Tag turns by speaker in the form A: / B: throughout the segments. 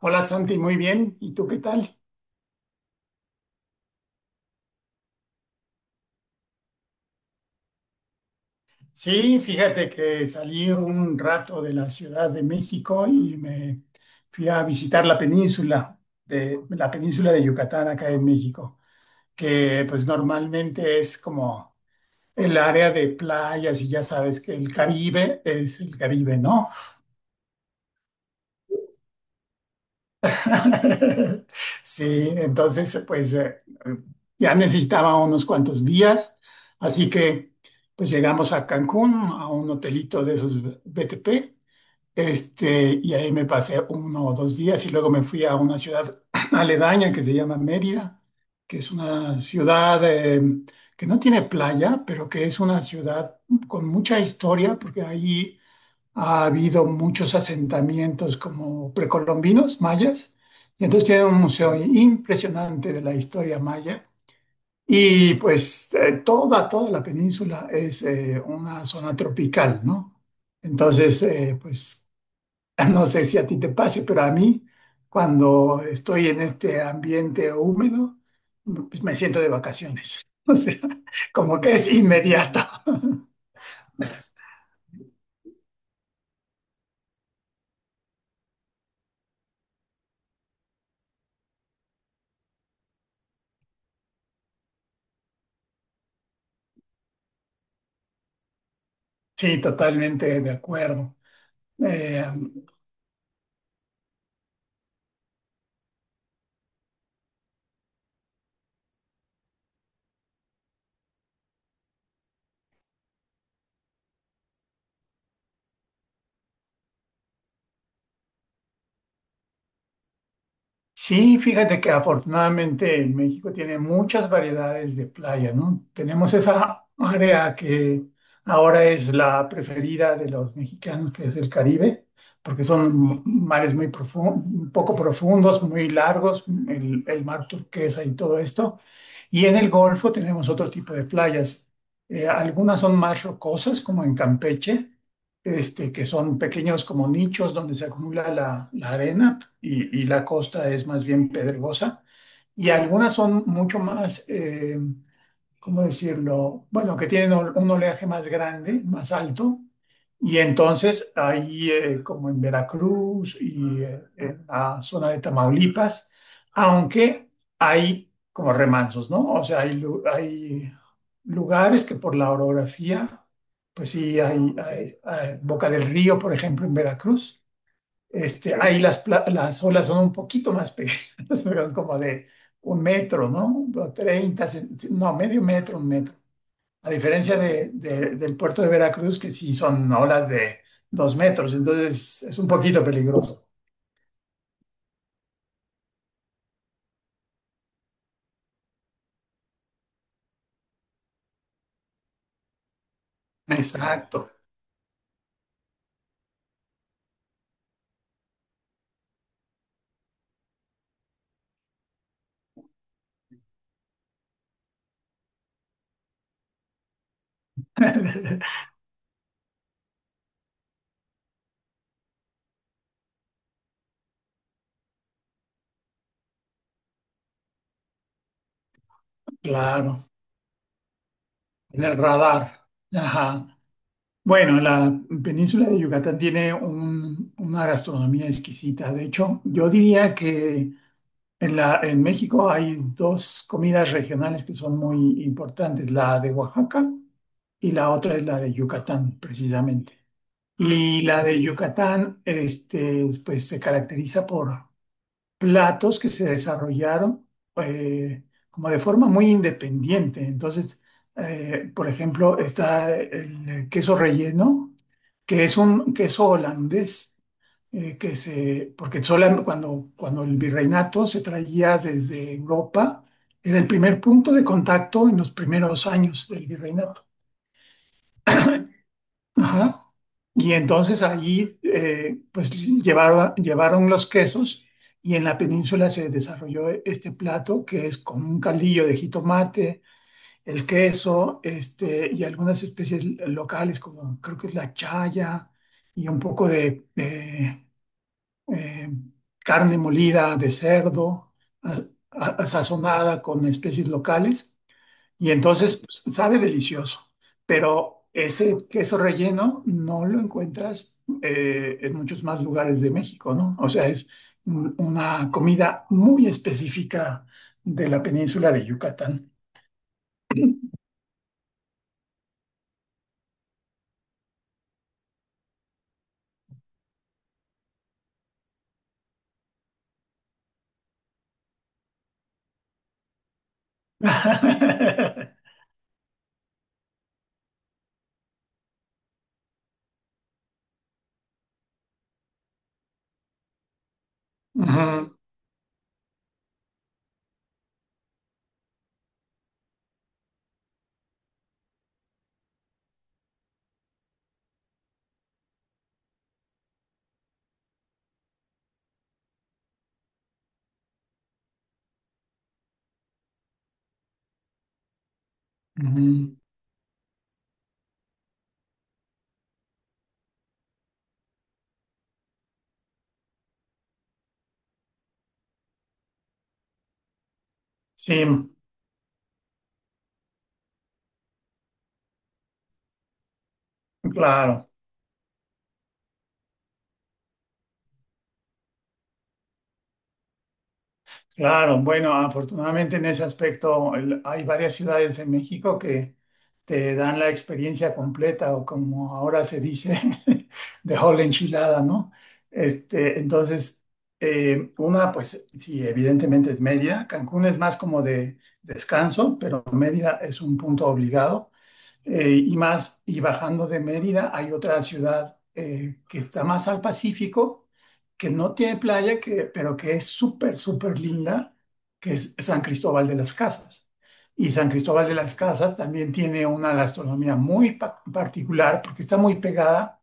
A: Hola Santi, muy bien. ¿Y tú qué tal? Sí, fíjate que salí un rato de la Ciudad de México y me fui a visitar la península de Yucatán acá en México, que pues normalmente es como el área de playas y ya sabes que el Caribe es el Caribe, ¿no? Sí, entonces, ya necesitaba unos cuantos días, así que pues llegamos a Cancún, a un hotelito de esos BTP, y ahí me pasé uno o dos días y luego me fui a una ciudad aledaña que se llama Mérida, que es una ciudad que no tiene playa, pero que es una ciudad con mucha historia, porque ahí ha habido muchos asentamientos como precolombinos, mayas, y entonces tiene un museo impresionante de la historia maya. Y toda la península es una zona tropical, ¿no? Entonces, no sé si a ti te pase, pero a mí, cuando estoy en este ambiente húmedo, pues me siento de vacaciones. O sea, como que es inmediato. Sí, totalmente de acuerdo. Eh, sí, fíjate que afortunadamente México tiene muchas variedades de playa, ¿no? Tenemos esa área que ahora es la preferida de los mexicanos, que es el Caribe, porque son mares muy profundos, poco profundos, muy largos, el mar turquesa y todo esto. Y en el Golfo tenemos otro tipo de playas. Algunas son más rocosas, como en Campeche, que son pequeños como nichos donde se acumula la arena y la costa es más bien pedregosa. Y algunas son mucho más, ¿cómo decirlo? Bueno, que tienen un oleaje más grande, más alto, y entonces ahí, como en Veracruz y en la zona de Tamaulipas, aunque hay como remansos, ¿no? O sea, hay, hay lugares que por la orografía, pues sí, hay, Boca del Río, por ejemplo, en Veracruz, ahí las, las olas son un poquito más pequeñas, son como de un metro, ¿no? O 30, no, medio metro, un metro. A diferencia del puerto de Veracruz, que sí son olas de dos metros, entonces es un poquito peligroso. Exacto. Claro, en el radar. Ajá. Bueno, la península de Yucatán tiene una gastronomía exquisita. De hecho, yo diría que en la, en México hay dos comidas regionales que son muy importantes, la de Oaxaca y la otra es la de Yucatán, precisamente. Y la de Yucatán, pues se caracteriza por platos que se desarrollaron eh, como de forma muy independiente. Entonces, por ejemplo, está el queso relleno, que es un queso holandés, que se, porque sola- cuando, el virreinato se traía desde Europa, era el primer punto de contacto en los primeros años del virreinato. Ajá. Y entonces ahí, pues llevaron los quesos y en la península se desarrolló este plato que es con un caldillo de jitomate, el queso, y algunas especies locales como creo que es la chaya y un poco de, eh, carne molida de cerdo, a- sazonada con especies locales, y entonces pues, sabe delicioso, pero ese queso relleno no lo encuentras en muchos más lugares de México, ¿no? O sea, es una comida muy específica de la península de Yucatán. Ujú, ujú. Sí, claro. Claro, bueno, afortunadamente en ese aspecto hay varias ciudades en México que te dan la experiencia completa o como ahora se dice, de whole enchilada, ¿no? Entonces, pues sí, evidentemente es Mérida. Cancún es más como de descanso, pero Mérida es un punto obligado. Y más, y bajando de Mérida hay otra ciudad que está más al Pacífico, que no tiene playa, que, pero que es súper, súper linda, que es San Cristóbal de las Casas. Y San Cristóbal de las Casas también tiene una gastronomía muy particular porque está muy pegada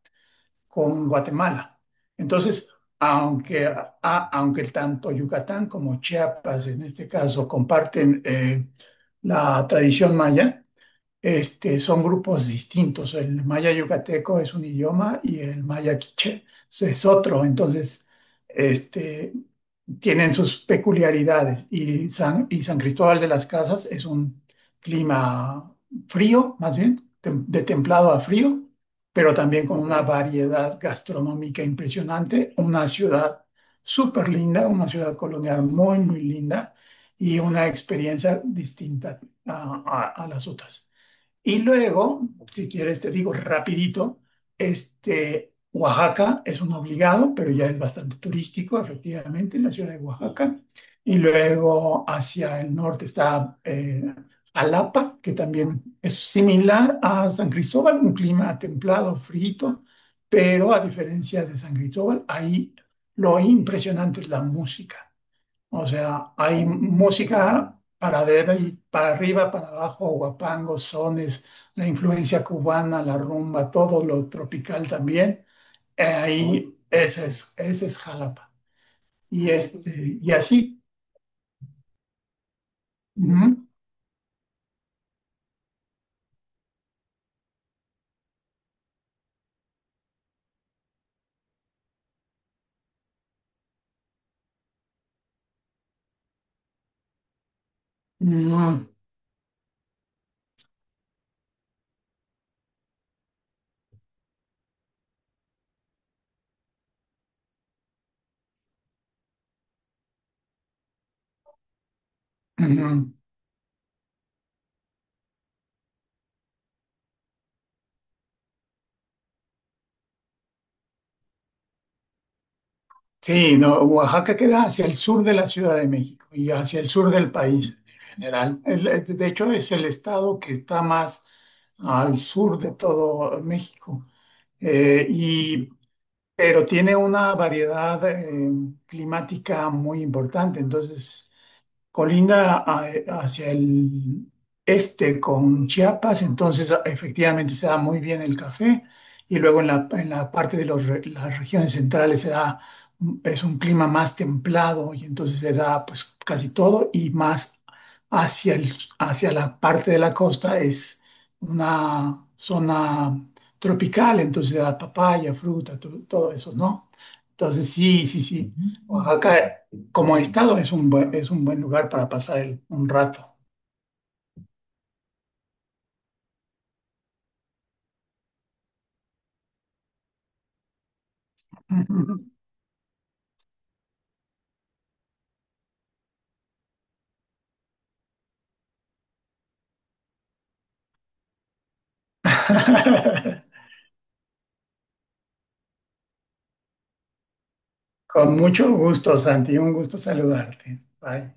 A: con Guatemala. Entonces, aunque, a- aunque tanto Yucatán como Chiapas, en este caso, comparten la tradición maya, son grupos distintos. El maya yucateco es un idioma y el maya quiché es otro. Entonces, este, tienen sus peculiaridades. Y San Cristóbal de las Casas es un clima frío, más bien, de templado a frío, pero también con una variedad gastronómica impresionante. Una ciudad súper linda, una ciudad colonial muy, muy linda y una experiencia distinta a las otras. Y luego, si quieres, te digo rapidito, Oaxaca es un obligado, pero ya es bastante turístico, efectivamente, en la ciudad de Oaxaca. Y luego hacia el norte está Jalapa, que también es similar a San Cristóbal, un clima templado, frío, pero a diferencia de San Cristóbal, ahí lo impresionante es la música. O sea, hay música para arriba y para arriba, para abajo, guapangos, sones, la influencia cubana, la rumba, todo lo tropical también. Ahí, esa es, ese es Jalapa. Y, y así. Ujú, mm, ujú. Sí, no, Oaxaca queda hacia el sur de la Ciudad de México y hacia el sur del país en general. De hecho, es el estado que está más al sur de todo México. Eh, y pero tiene una variedad climática muy importante. Entonces, Colinda a- hacia el este con Chiapas, entonces efectivamente se da muy bien el café y luego en la parte de los las regiones centrales se da, es un clima más templado y entonces se da pues casi todo y más hacia el, hacia la parte de la costa es una zona tropical, entonces se da papaya, fruta, todo eso, ¿no? Entonces sí, sí, sí. Oaxaca como estado es un, es un buen lugar para pasar un rato. Con mucho gusto, Santi. Un gusto saludarte. Bye.